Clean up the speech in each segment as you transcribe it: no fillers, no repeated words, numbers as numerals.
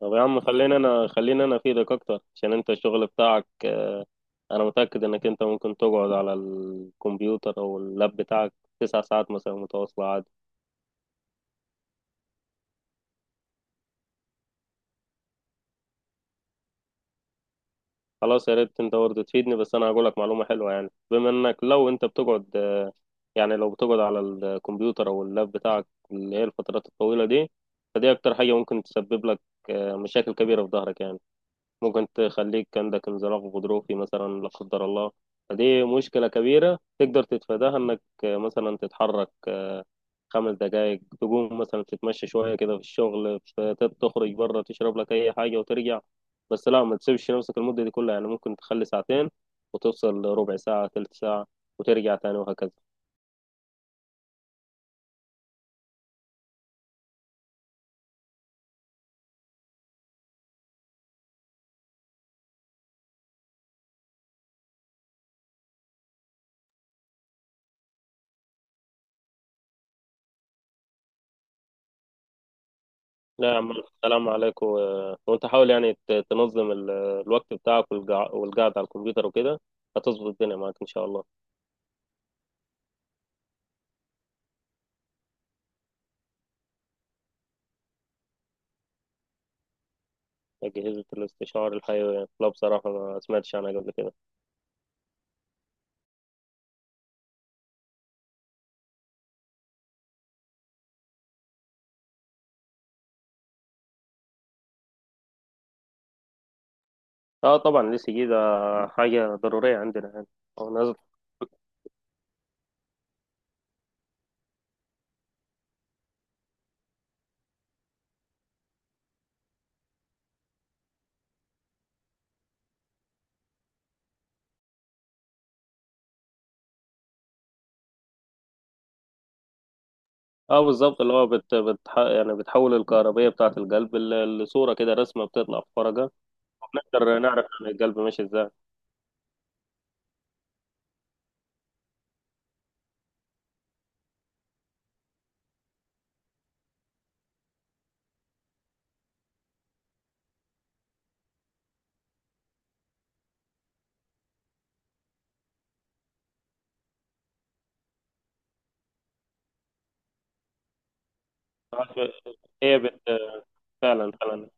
طب يا عم، خلينا انا افيدك اكتر عشان انت الشغل بتاعك، انا متأكد انك انت ممكن تقعد على الكمبيوتر او اللاب بتاعك 9 ساعات مثلا متواصلة عادي. خلاص، يا ريت انت برضه تفيدني، بس انا هقول لك معلومة حلوة. يعني بما انك لو انت بتقعد، يعني لو بتقعد على الكمبيوتر او اللاب بتاعك اللي هي الفترات الطويلة دي، فدي اكتر حاجة ممكن تسبب لك مشاكل كبيرة في ظهرك يعني. ممكن تخليك عندك انزلاق غضروفي مثلا لا قدر الله. فدي مشكلة كبيرة تقدر تتفاداها، انك مثلا تتحرك 5 دقايق، تقوم مثلا تتمشى شوية كده في الشغل، تخرج بره تشرب لك أي حاجة وترجع. بس لا، ما تسيبش نفسك المدة دي كلها. يعني ممكن تخلي ساعتين وتوصل ربع ساعة، تلت ساعة، وترجع تاني وهكذا. لا يا عم، السلام عليكم. وانت حاول يعني تنظم الوقت بتاعك والقعدة على الكمبيوتر وكده. هتظبط الدنيا معاك إن شاء الله. أجهزة الاستشعار الحيوي، لا بصراحة ما سمعتش عنها قبل كده. اه طبعا، لسه جي ده حاجة ضرورية عندنا يعني، او نازل. اه بالظبط، اللي هو يعني بتحول الكهربية بتاعة القلب لصورة كده، رسمة بتطلع في فرجة، نقدر نعرف عن القلب ماشي ازاي. عارف. هي بت... فعلا فعلا.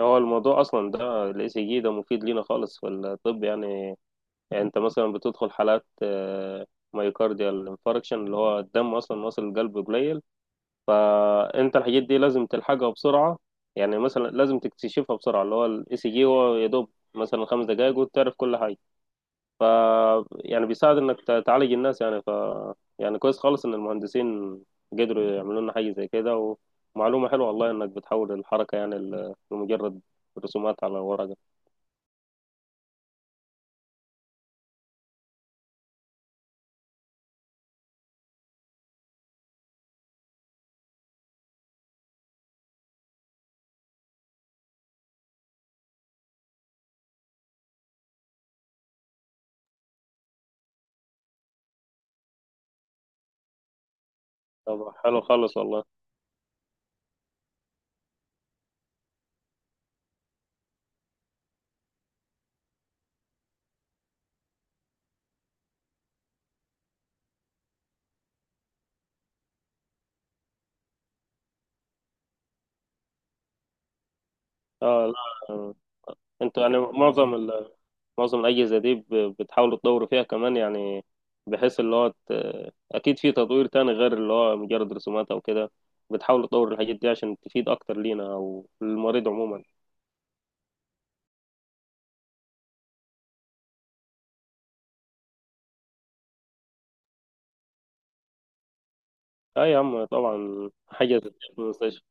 هو الموضوع اصلا ده الاي سي جي ده مفيد لينا خالص في الطب يعني. يعني انت مثلا بتدخل حالات، مايوكارديال انفاركشن، اللي هو الدم اصلا واصل القلب قليل، فانت الحاجات دي لازم تلحقها بسرعه. يعني مثلا لازم تكتشفها بسرعه، اللي هو الاي سي جي هو يا دوب مثلا 5 دقائق وتعرف كل حاجه. ف يعني بيساعد انك تعالج الناس يعني. ف يعني كويس خالص ان المهندسين قدروا يعملوا لنا حاجه زي كده. ومعلومه حلوه والله، انك بتحول الحركه يعني لمجرد رسومات على ورقه. طب حلو خالص والله. اه لا. انتوا يعني معظم معظم الأجهزة دي بتحاول تطور فيها كمان يعني، بحيث اللي هو أكيد في تطوير تاني غير اللي هو مجرد رسومات أو كده. بتحاول تطور الحاجات دي عشان تفيد أكتر لينا أو المريض عموما. أي يا عم، طبعا، حاجة زي كده في المستشفى.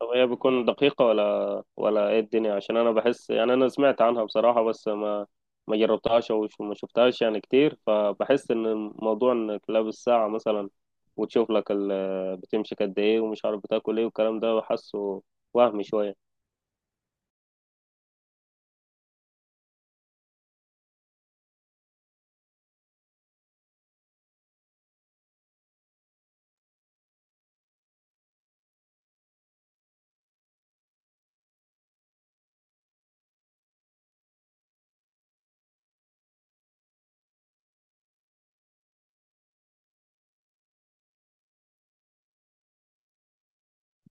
طب هي بتكون دقيقة ولا ايه الدنيا؟ عشان انا بحس يعني، انا سمعت عنها بصراحة بس ما جربتهاش او ما شفتهاش يعني كتير، فبحس ان الموضوع انك لابس ساعة مثلا وتشوف لك بتمشي قد ايه، ومش عارف بتاكل ايه والكلام ده، حاسه وهمي شوية.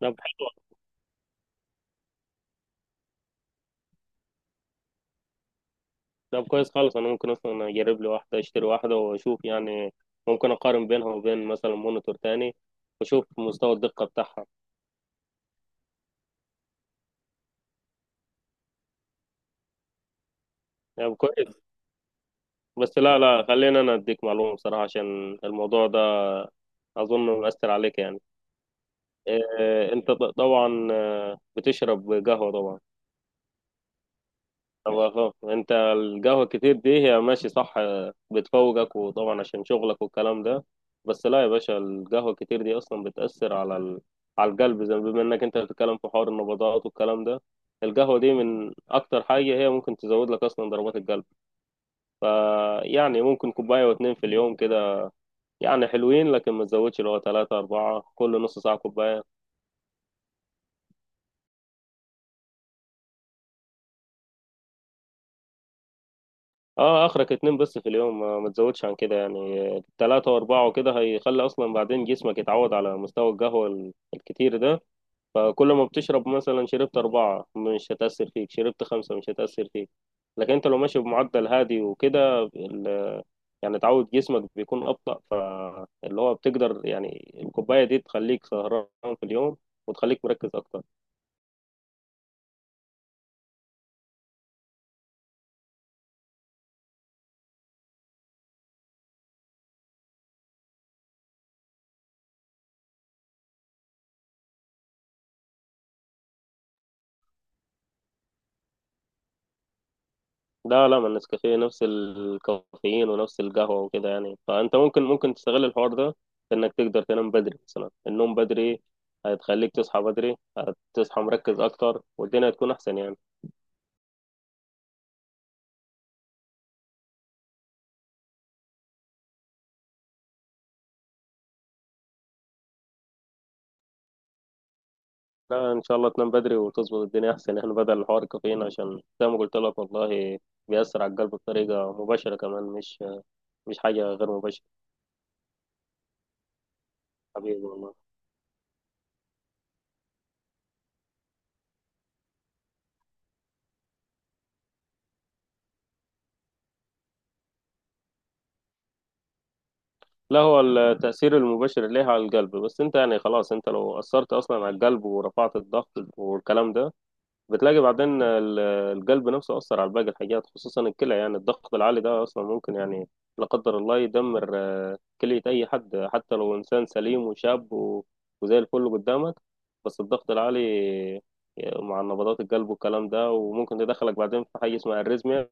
طب حلو. طب كويس خالص، انا ممكن اصلا اجرب لي واحدة، اشتري واحدة واشوف يعني. ممكن اقارن بينها وبين مثلا مونيتور تاني واشوف مستوى الدقة بتاعها. يعني كويس. بس لا، لا، خلينا انا اديك معلومه بصراحه، عشان الموضوع ده اظن مأثر عليك يعني. إيه، انت طبعا، بتشرب قهوه طبعا؟ طب خلاص، انت القهوه كتير دي هي ماشي صح، بتفوقك وطبعا عشان شغلك والكلام ده. بس لا يا باشا، القهوه كتير دي اصلا بتأثر على على القلب، زي بما انك انت بتتكلم في حوار النبضات والكلام ده. القهوه دي من اكتر حاجه هي ممكن تزود لك اصلا ضربات القلب. فيعني ممكن كوبايه واتنين في اليوم كده، يعني حلوين، لكن ما تزودش اللي هو ثلاثة أربعة كل نص ساعة كوباية. اه، آخرك اتنين بس في اليوم، ما تزودش عن كده. يعني ثلاثة وأربعة وكده هيخلي أصلا بعدين جسمك يتعود على مستوى القهوة الكتير ده. فكل ما بتشرب مثلا، شربت أربعة مش هتأثر فيك، شربت خمسة مش هتأثر فيك. لكن انت لو ماشي بمعدل هادي وكده يعني تعود جسمك بيكون أبطأ، فاللي هو بتقدر يعني الكوباية دي تخليك سهران في اليوم وتخليك مركز أكتر. لا، لا، ما النسكافيه نفس الكافيين ونفس القهوة وكده يعني. فأنت ممكن تستغل الحوار ده في إنك تقدر تنام بدري، مثلا النوم بدري هتخليك تصحى بدري، هتصحى مركز أكتر والدنيا هتكون أحسن يعني. لا، إن شاء الله تنام بدري وتظبط الدنيا أحسن يعني، بدل الحوار الكافيين، عشان زي ما قلت لك والله بيأثر على القلب بطريقة مباشرة كمان، مش حاجة غير مباشرة. حبيبي والله. لا، هو التأثير المباشر ليه على القلب بس. أنت يعني خلاص أنت لو أثرت أصلا على القلب ورفعت الضغط والكلام ده، بتلاقي بعدين القلب نفسه أثر على باقي الحاجات خصوصا الكلى. يعني الضغط العالي ده أصلا ممكن يعني لا قدر الله يدمر، كلية أي حد، حتى لو إنسان سليم وشاب وزي الفل قدامك. بس الضغط العالي، مع نبضات القلب والكلام ده، وممكن يدخلك بعدين في حاجة اسمها الريزميا،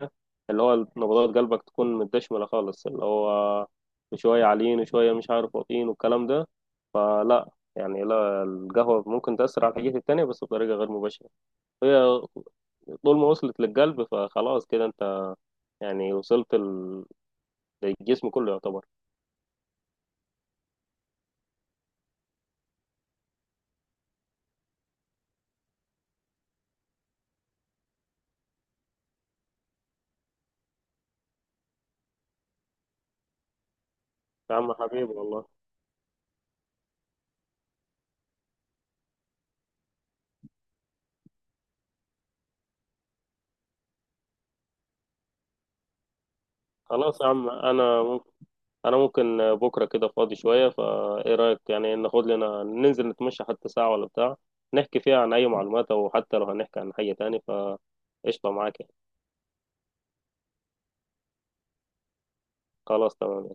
اللي هو نبضات قلبك تكون متدشملة خالص، اللي هو شوية عاليين وشوية مش عارف واطيين والكلام ده. فلا، يعني لا، القهوة ممكن تأثر على الحاجات التانية بس بطريقة غير مباشرة. هي طول ما وصلت للقلب فخلاص كده انت يعني وصلت للجسم كله يعتبر. يا عم، حبيبي والله. خلاص يا عم. انا ممكن بكره كده فاضي شويه، فايه رايك يعني ناخد لنا، ننزل نتمشى حتى ساعه ولا بتاع، نحكي فيها عن اي معلومات، او حتى لو هنحكي عن حاجه تاني فقشطه معاك يعني. خلاص تمام.